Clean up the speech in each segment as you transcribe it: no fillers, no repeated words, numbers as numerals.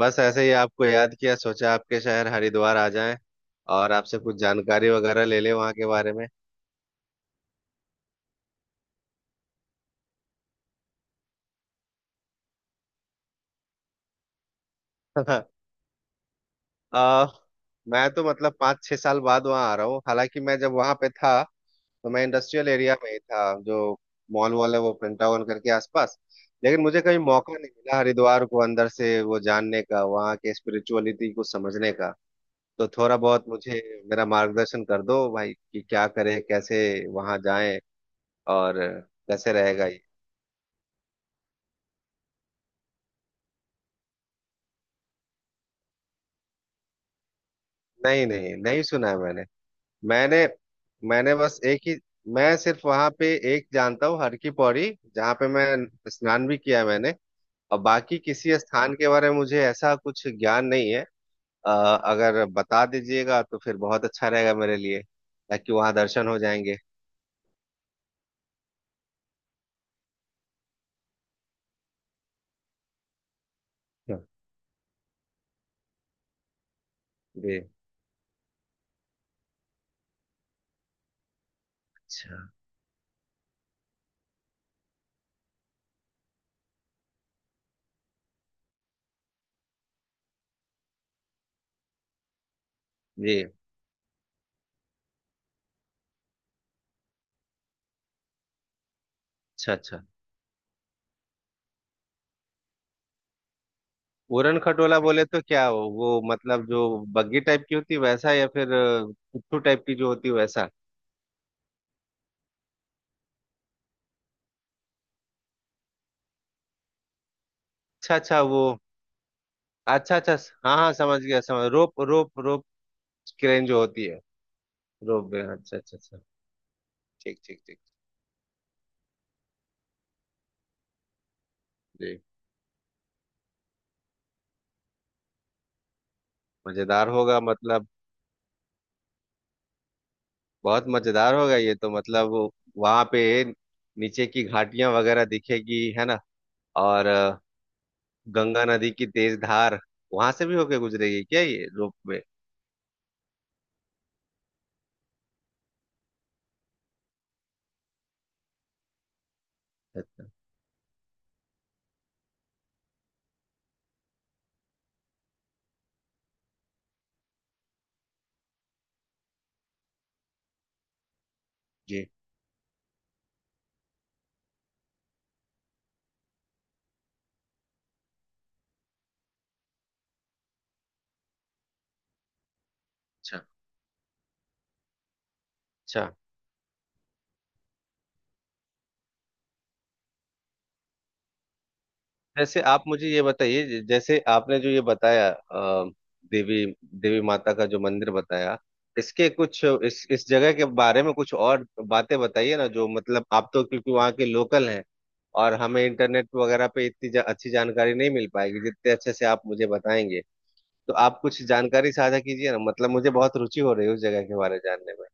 बस ऐसे ही आपको याद किया, सोचा आपके शहर हरिद्वार आ जाएं और आपसे कुछ जानकारी वगैरह ले लें वहाँ के बारे में। आ, मैं तो मतलब 5-6 साल बाद वहाँ आ रहा हूँ। हालांकि मैं जब वहाँ पे था तो मैं इंडस्ट्रियल एरिया में ही था, जो मॉल वॉल है वो पेंटागन करके आसपास। लेकिन मुझे कभी मौका नहीं मिला हरिद्वार को अंदर से वो जानने का, वहाँ के स्पिरिचुअलिटी को समझने का। तो थोड़ा बहुत मुझे मेरा मार्गदर्शन कर दो भाई कि क्या करें, कैसे वहाँ जाएं और कैसे रहेगा। नहीं नहीं नहीं, सुना है मैंने। मैंने मैंने बस एक ही मैं सिर्फ वहां पे एक जानता हूँ, हर की पौड़ी, जहाँ पे मैं स्नान भी किया है मैंने। और बाकी किसी स्थान के बारे में मुझे ऐसा कुछ ज्ञान नहीं है। अ, अगर बता दीजिएगा तो फिर बहुत अच्छा रहेगा मेरे लिए, ताकि वहां दर्शन हो जाएंगे। अच्छा। जी। अच्छा। जी। अच्छा अच्छा। पूरन खटोला बोले तो क्या वो, मतलब जो बग्गी टाइप की होती है वैसा, या फिर पुट्ठू टाइप की जो होती है वैसा? अच्छा अच्छा, वो अच्छा अच्छा। हाँ हाँ, समझ गया, समझ रोप रोप रोप। क्रेन जो होती है। रोप वे। अच्छा अच्छा अच्छा। ठीक ठीक ठीक। जी। मजेदार होगा मतलब, बहुत मजेदार होगा ये तो मतलब। वहां पे नीचे की घाटियां वगैरह दिखेगी, है ना? और गंगा नदी की तेज धार वहां से भी होके गुजरेगी क्या ये रोप वे? अच्छा। जी। अच्छा अच्छा। जैसे आप मुझे ये बताइए, जैसे आपने जो ये बताया देवी देवी माता का जो मंदिर बताया, इसके कुछ इस जगह के बारे में कुछ और बातें बताइए ना। जो मतलब आप तो क्योंकि वहाँ के लोकल हैं, और हमें इंटरनेट वगैरह पे इतनी अच्छी जानकारी नहीं मिल पाएगी जितने अच्छे से आप मुझे बताएंगे। तो आप कुछ जानकारी साझा कीजिए ना, मतलब मुझे बहुत रुचि हो रही है उस जगह के बारे में जानने में।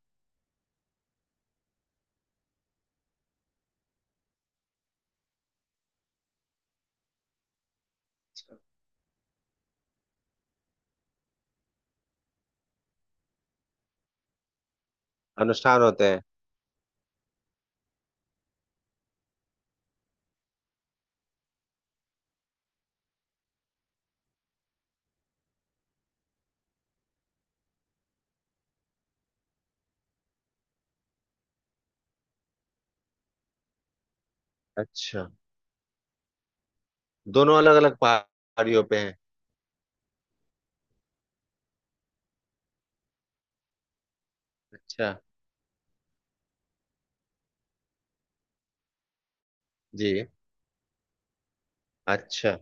अनुष्ठान होते हैं। अच्छा। दोनों अलग अलग पहाड़ियों पे हैं? अच्छा। जी। अच्छा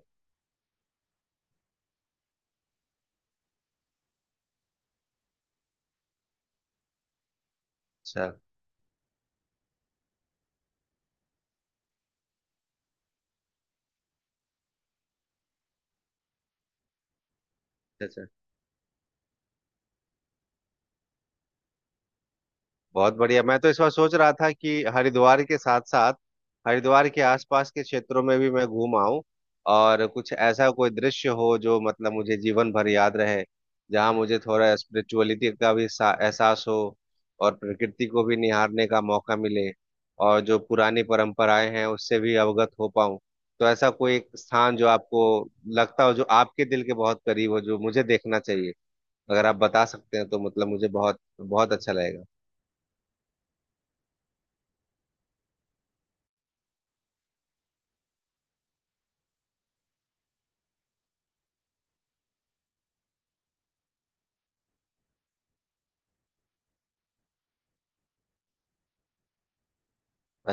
अच्छा अच्छा। अच्छा। बहुत बढ़िया। मैं तो इस बार सोच रहा था कि हरिद्वार के साथ साथ हरिद्वार के आसपास के क्षेत्रों में भी मैं घूम आऊं, और कुछ ऐसा कोई दृश्य हो जो मतलब मुझे जीवन भर याद रहे, जहां मुझे थोड़ा स्पिरिचुअलिटी का भी एहसास हो, और प्रकृति को भी निहारने का मौका मिले, और जो पुरानी परंपराएं हैं उससे भी अवगत हो पाऊं। तो ऐसा कोई एक स्थान जो आपको लगता हो, जो आपके दिल के बहुत करीब हो, जो मुझे देखना चाहिए, अगर आप बता सकते हैं तो मतलब मुझे बहुत बहुत अच्छा लगेगा।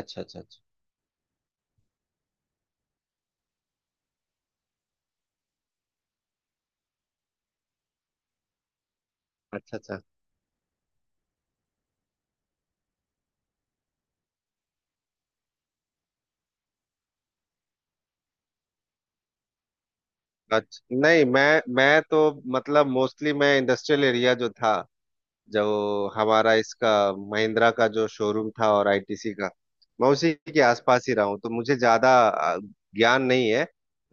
अच्छा अच्छा अच्छा। अच्छा अच्छा अच्छा। नहीं, मैं तो मतलब मोस्टली मैं इंडस्ट्रियल एरिया जो था, जो हमारा इसका महिंद्रा का जो शोरूम था और आईटीसी का, मैं उसी के आसपास ही रहा हूँ। तो मुझे ज्यादा ज्ञान नहीं है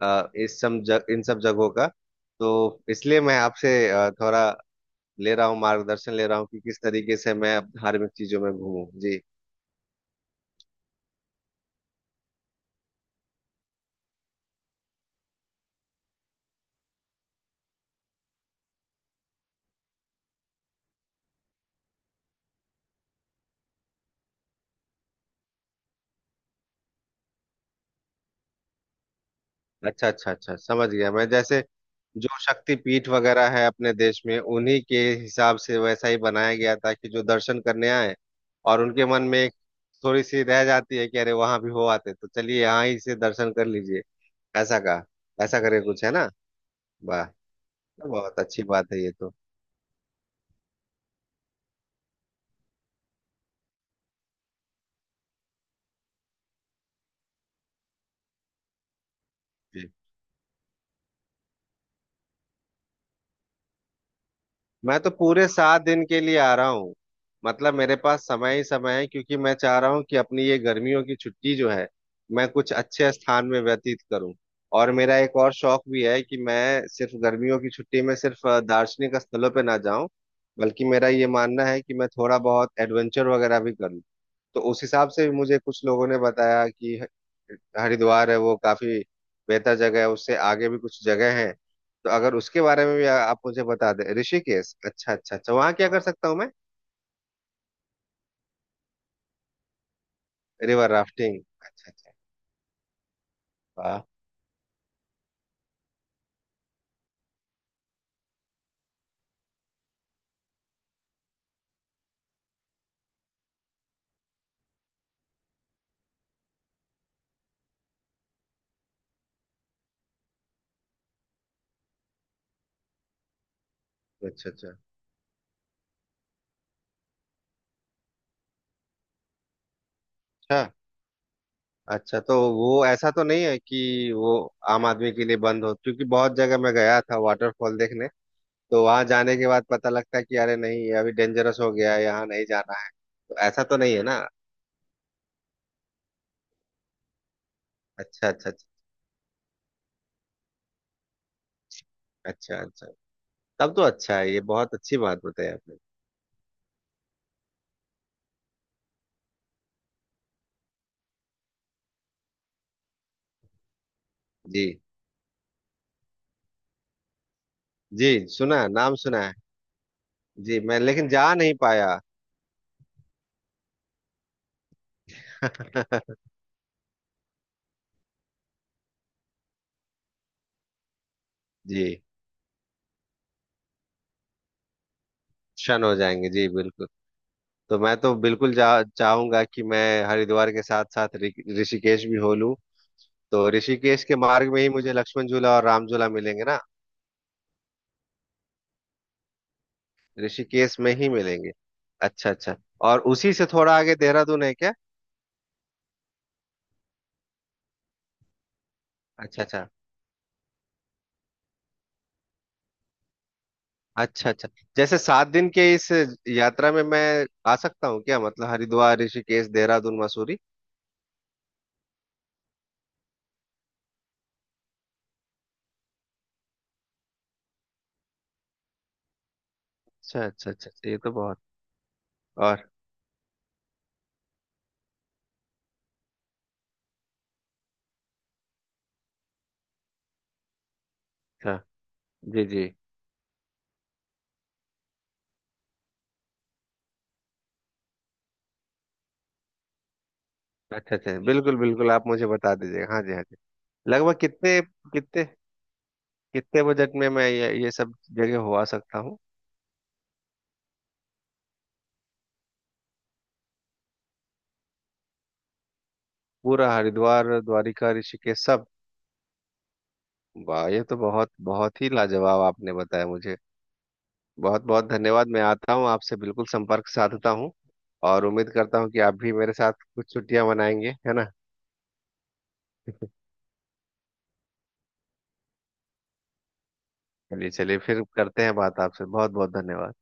इस सब इन सब जगहों का। तो इसलिए मैं आपसे थोड़ा ले रहा हूँ, मार्गदर्शन ले रहा हूँ कि किस तरीके से मैं अब धार्मिक चीजों में घूमूं जी। अच्छा अच्छा अच्छा समझ गया मैं जैसे जो शक्तिपीठ वगैरह है अपने देश में उन्हीं के हिसाब से वैसा ही बनाया गया था कि जो दर्शन करने आए और उनके मन में एक थोड़ी सी रह जाती है कि अरे वहां भी हो आते तो चलिए यहाँ ही से दर्शन कर लीजिए ऐसा कहा ऐसा करके कुछ है ना वाह बहुत अच्छी बात है ये तो मैं तो पूरे 7 दिन के लिए आ रहा हूँ मतलब मेरे पास समय ही समय है क्योंकि मैं चाह रहा हूँ कि अपनी ये गर्मियों की छुट्टी जो है मैं कुछ अच्छे स्थान में व्यतीत करूँ और मेरा एक और शौक भी है कि मैं सिर्फ गर्मियों की छुट्टी में सिर्फ अ, दार्शनिक स्थलों पे ना जाऊं बल्कि मेरा ये मानना है कि मैं थोड़ा बहुत एडवेंचर वगैरह भी करूँ तो उस हिसाब से भी मुझे कुछ लोगों ने बताया कि ह- हरिद्वार है वो काफी बेहतर जगह है उससे आगे भी कुछ जगह है तो अगर उसके बारे में भी आ- आप मुझे बता दें ऋषिकेश अच्छा अच्छा अच्छा वहाँ क्या कर सकता हूँ मैं रिवर राफ्टिंग अच्छा अच्छा वाह अच्छा अच्छा अच्छा अच्छा तो वो ऐसा तो नहीं है कि वो आम आदमी के लिए बंद हो क्योंकि बहुत जगह मैं गया था वाटरफॉल देखने तो वहां जाने के बाद पता लगता है कि अरे नहीं ये अभी डेंजरस हो गया है यहाँ नहीं जाना है तो ऐसा तो नहीं है ना अच्छा अच्छा अच्छा अच्छा अच्छा तब तो अच्छा है ये बहुत अच्छी बात बताई आपने जी जी। सुना है, नाम सुना है। जी। मैं लेकिन जा नहीं पाया। जी। शन हो जाएंगे जी, बिल्कुल। तो मैं तो बिल्कुल चाहूंगा कि मैं हरिद्वार के साथ साथ ऋषिकेश भी हो लूं। तो ऋषिकेश के मार्ग में ही मुझे लक्ष्मण झूला और राम झूला मिलेंगे ना? ऋषिकेश में ही मिलेंगे। अच्छा अच्छा। और उसी से थोड़ा आगे देहरादून है क्या? अच्छा अच्छा। अच्छा अच्छा। जैसे 7 दिन के इस यात्रा में मैं आ सकता हूँ क्या, मतलब हरिद्वार, ऋषिकेश, देहरादून, मसूरी? अच्छा अच्छा अच्छा। अच्छा, ये तो बहुत। और? अच्छा। जी जी। अच्छा अच्छा, बिल्कुल बिल्कुल, आप मुझे बता दीजिएगा। हाँ जी, हाँ जी। लगभग कितने, कितने कितने बजट में मैं ये सब जगह हो आ सकता हूँ? पूरा हरिद्वार, द्वारिका, ऋषिकेश, सब? वाह, ये तो बहुत बहुत ही लाजवाब आपने बताया मुझे। बहुत बहुत धन्यवाद। मैं आता हूँ आपसे, बिल्कुल संपर्क साधता हूँ। और उम्मीद करता हूँ कि आप भी मेरे साथ कुछ छुट्टियां मनाएंगे, है ना? चलिए चलिए, फिर करते हैं बात आपसे। बहुत बहुत धन्यवाद।